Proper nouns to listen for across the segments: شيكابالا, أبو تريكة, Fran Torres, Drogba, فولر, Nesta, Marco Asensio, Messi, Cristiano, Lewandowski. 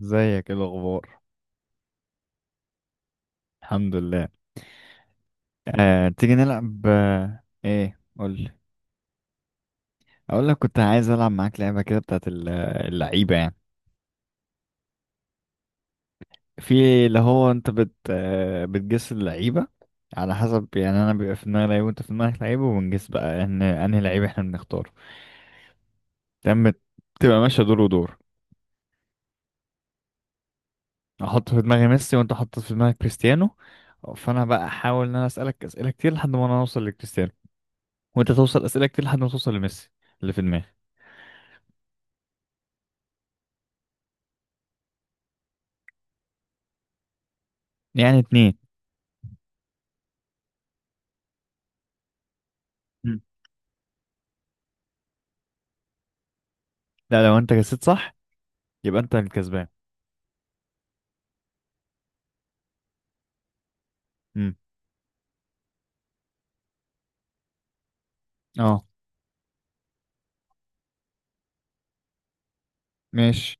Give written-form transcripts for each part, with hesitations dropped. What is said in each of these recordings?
ازيك؟ ايه الاخبار؟ الحمد لله. تيجي نلعب. ايه، قول. اقول لك، كنت عايز العب معاك لعبه كده بتاعت اللعيبه يعني. في اللي هو انت بت آه، بتجس اللعيبه، على حسب. يعني انا بيبقى في دماغي لعيب، وانت في دماغك لعيب، وبنجس بقى ان انهي لعيب احنا بنختاره. تمام. بتبقى ماشيه دور ودور. احط في دماغي ميسي، وانت حط في دماغك كريستيانو، فانا بقى احاول ان انا اسالك اسئله كتير لحد ما انا اوصل لكريستيانو، وانت توصل اسئله كتير لحد ما توصل لميسي اللي في دماغي. يعني اتنين. لا، لو انت جسيت صح يبقى انت الكسبان. امم. اه، ماشي.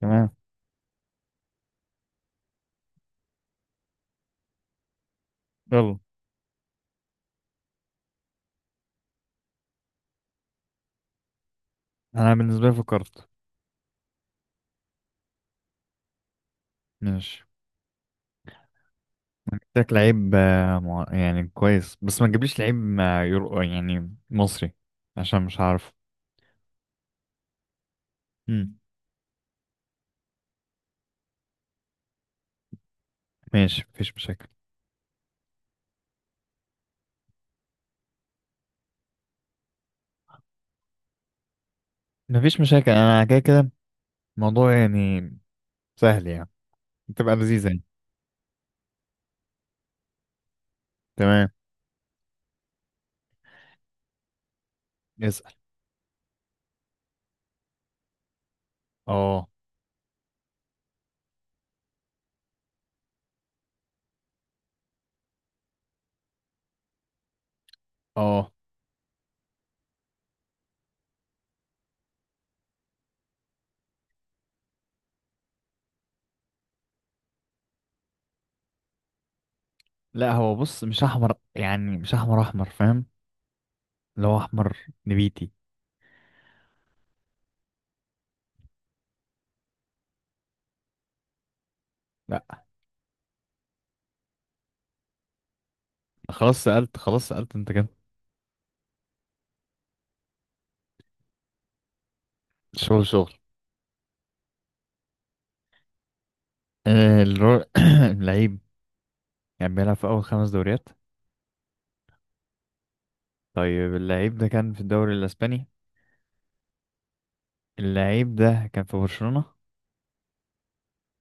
تمام. يلا. انا بالنسبه لي فكرت. ماشي. أنا جبت لك لعيب يعني كويس، بس ما تجيبليش لعيب يرو يعني مصري، عشان مش عارف. امم. ماشي، مفيش مشاكل. مفيش مشاكل، انا كده كده الموضوع يعني سهل يعني، تبقى لذيذة يعني. تمام. اسأل. اه. اه. لا، هو بص مش احمر، يعني مش احمر احمر، فاهم؟ اللي هو احمر نبيتي. لا. خلاص سألت، خلاص سألت انت كده. شغل، شغل. آه، الر- اللعيب كان بيلعب في أول خمس دوريات. طيب، اللعيب ده كان في الدوري الأسباني. اللعيب ده كان في برشلونة.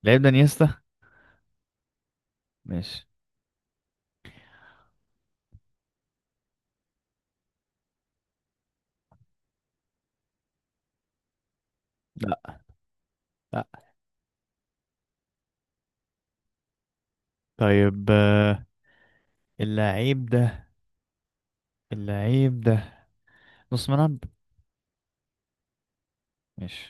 اللعيب ده نيستا. ماشي. لا لا. طيب، اللعيب ده اللعيب ده نص ملعب. ماشي.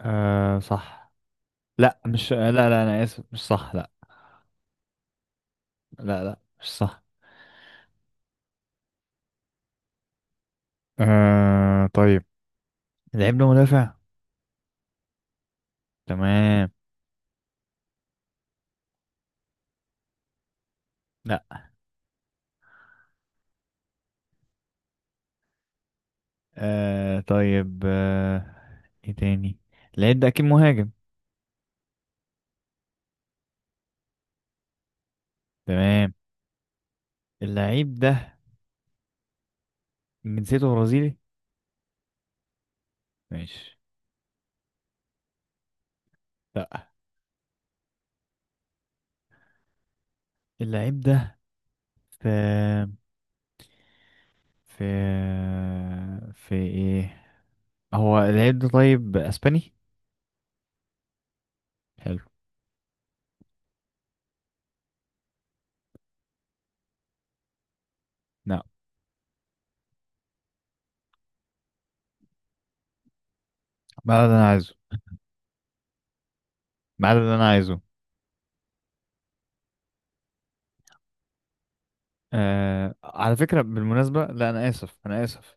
آه صح. لا، مش لا لا، أنا آسف، مش صح. لا لا لا، مش صح. آه طيب، اللعيب ده مدافع. تمام. لا. آه طيب، آه، ايه تاني؟ اللعيب ده أكيد مهاجم. تمام. اللعيب ده من جنسيته برازيلي. ماشي. لا. اللعيب ده في في في ايه؟ هو اللعيب ده طيب اسباني؟ حلو. لا، ما ده اللي انا عايزه. ما ده اللي انا عايزه. آه، على فكرة، بالمناسبة، لا انا اسف، انا اسف.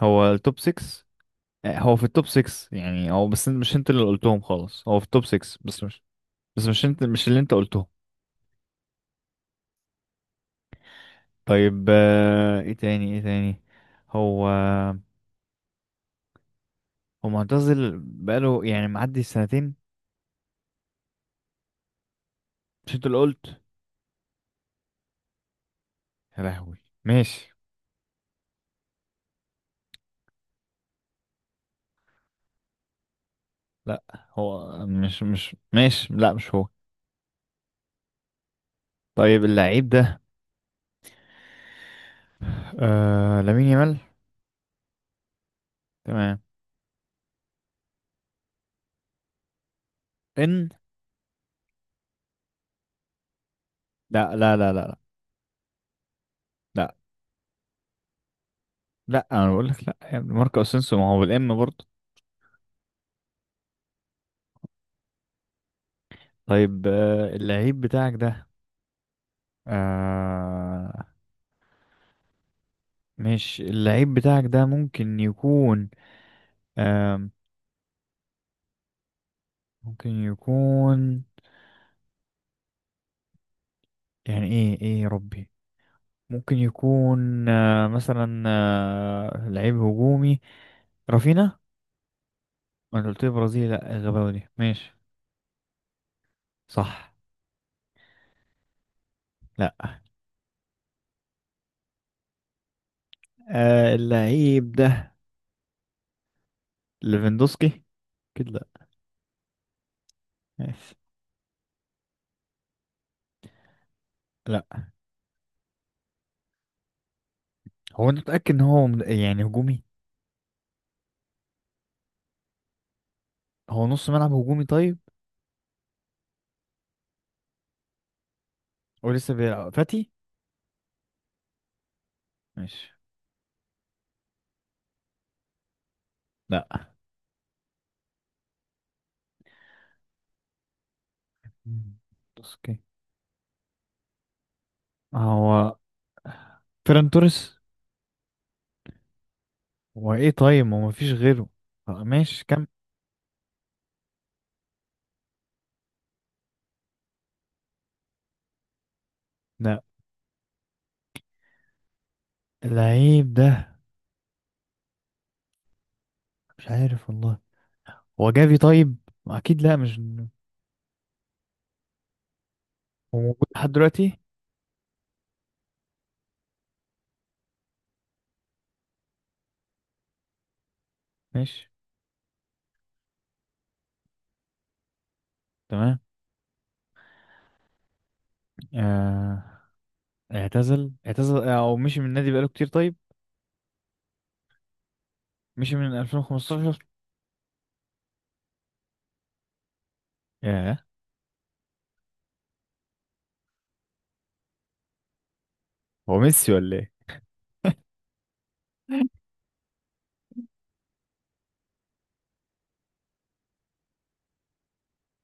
هو التوب 6؟ هو في التوب 6، يعني هو، بس مش انت اللي قلتهم خالص. هو في التوب 6، بس مش، بس مش انت، مش اللي انت قلتهم. طيب آه، ايه تاني؟ ايه تاني؟ هو هو معتزل بقاله يعني معدي السنتين. مش انت اللي قلت؟ يا لهوي. ماشي. لا، هو مش، مش ماشي، لا مش هو. طيب اللعيب ده آه، لامين يامال. تمام. ان. لا لا لا لا لا. لا لا، انا بقول لك لا يا ابني، ماركو اسينسيو ما هو بالام برضه. طيب آه، اللعيب بتاعك ده آه مش اللعيب بتاعك ده ممكن يكون آه ممكن يكون، يعني ايه، ايه يا ربي؟ ممكن يكون مثلا لعيب هجومي، رافينا. ما أنا قلت لي برازيلي، لا غباوي دي. ماشي. صح. لا. آه، اللعيب ده ليفاندوسكي، كده. لا. ماشي. لا. هو انت متأكد ان هو يعني هجومي؟ هو نص ملعب هجومي طيب؟ هو لسه بيلعب فاتي؟ ماشي. لا. ليفاندوسكي. هو فيران توريس؟ هو ايه طيب؟ ما هو مفيش غيره. آه، ماشي كم. لا. اللعيب ده، مش عارف والله. هو جافي طيب؟ اكيد لا، مش هو. موجود لحد دلوقتي؟ ماشي. تمام. آه... اعتزل، اعتزل او مشي من النادي بقاله كتير طيب؟ مشي من 2015. ياه. هو ميسي ولا ايه؟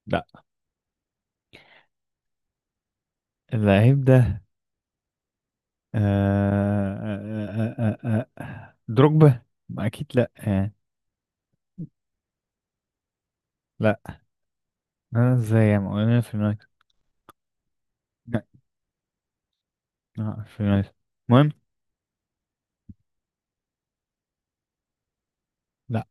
لا. اللعيب ده آه... دروجبا. ما اكيد لا يعني. لا، انا ازاي يا عم، انا في اليونايتد. لا في اليونايتد، المهم. لا.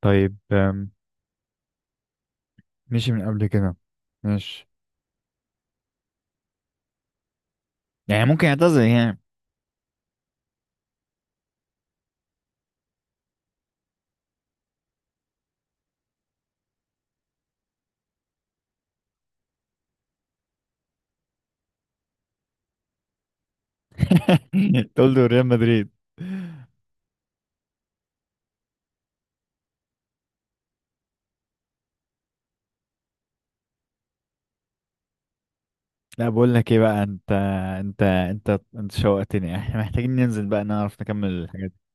طيب مشي من قبل كده. ماشي. يعني ممكن يعتزل يعني. انت قلت ريال مدريد. لا، بقول لك ايه بقى انت، انت شوقتني، احنا محتاجين ننزل بقى، نعرف نكمل الحاجات دي.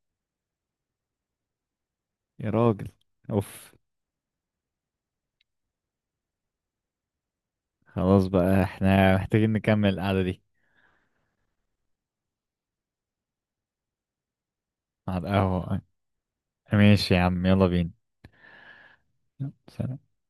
يا راجل، اوف. خلاص بقى، احنا محتاجين نكمل القعدة دي. على القهوة. ماشي يا عم، يلا بينا. يلا، سلام.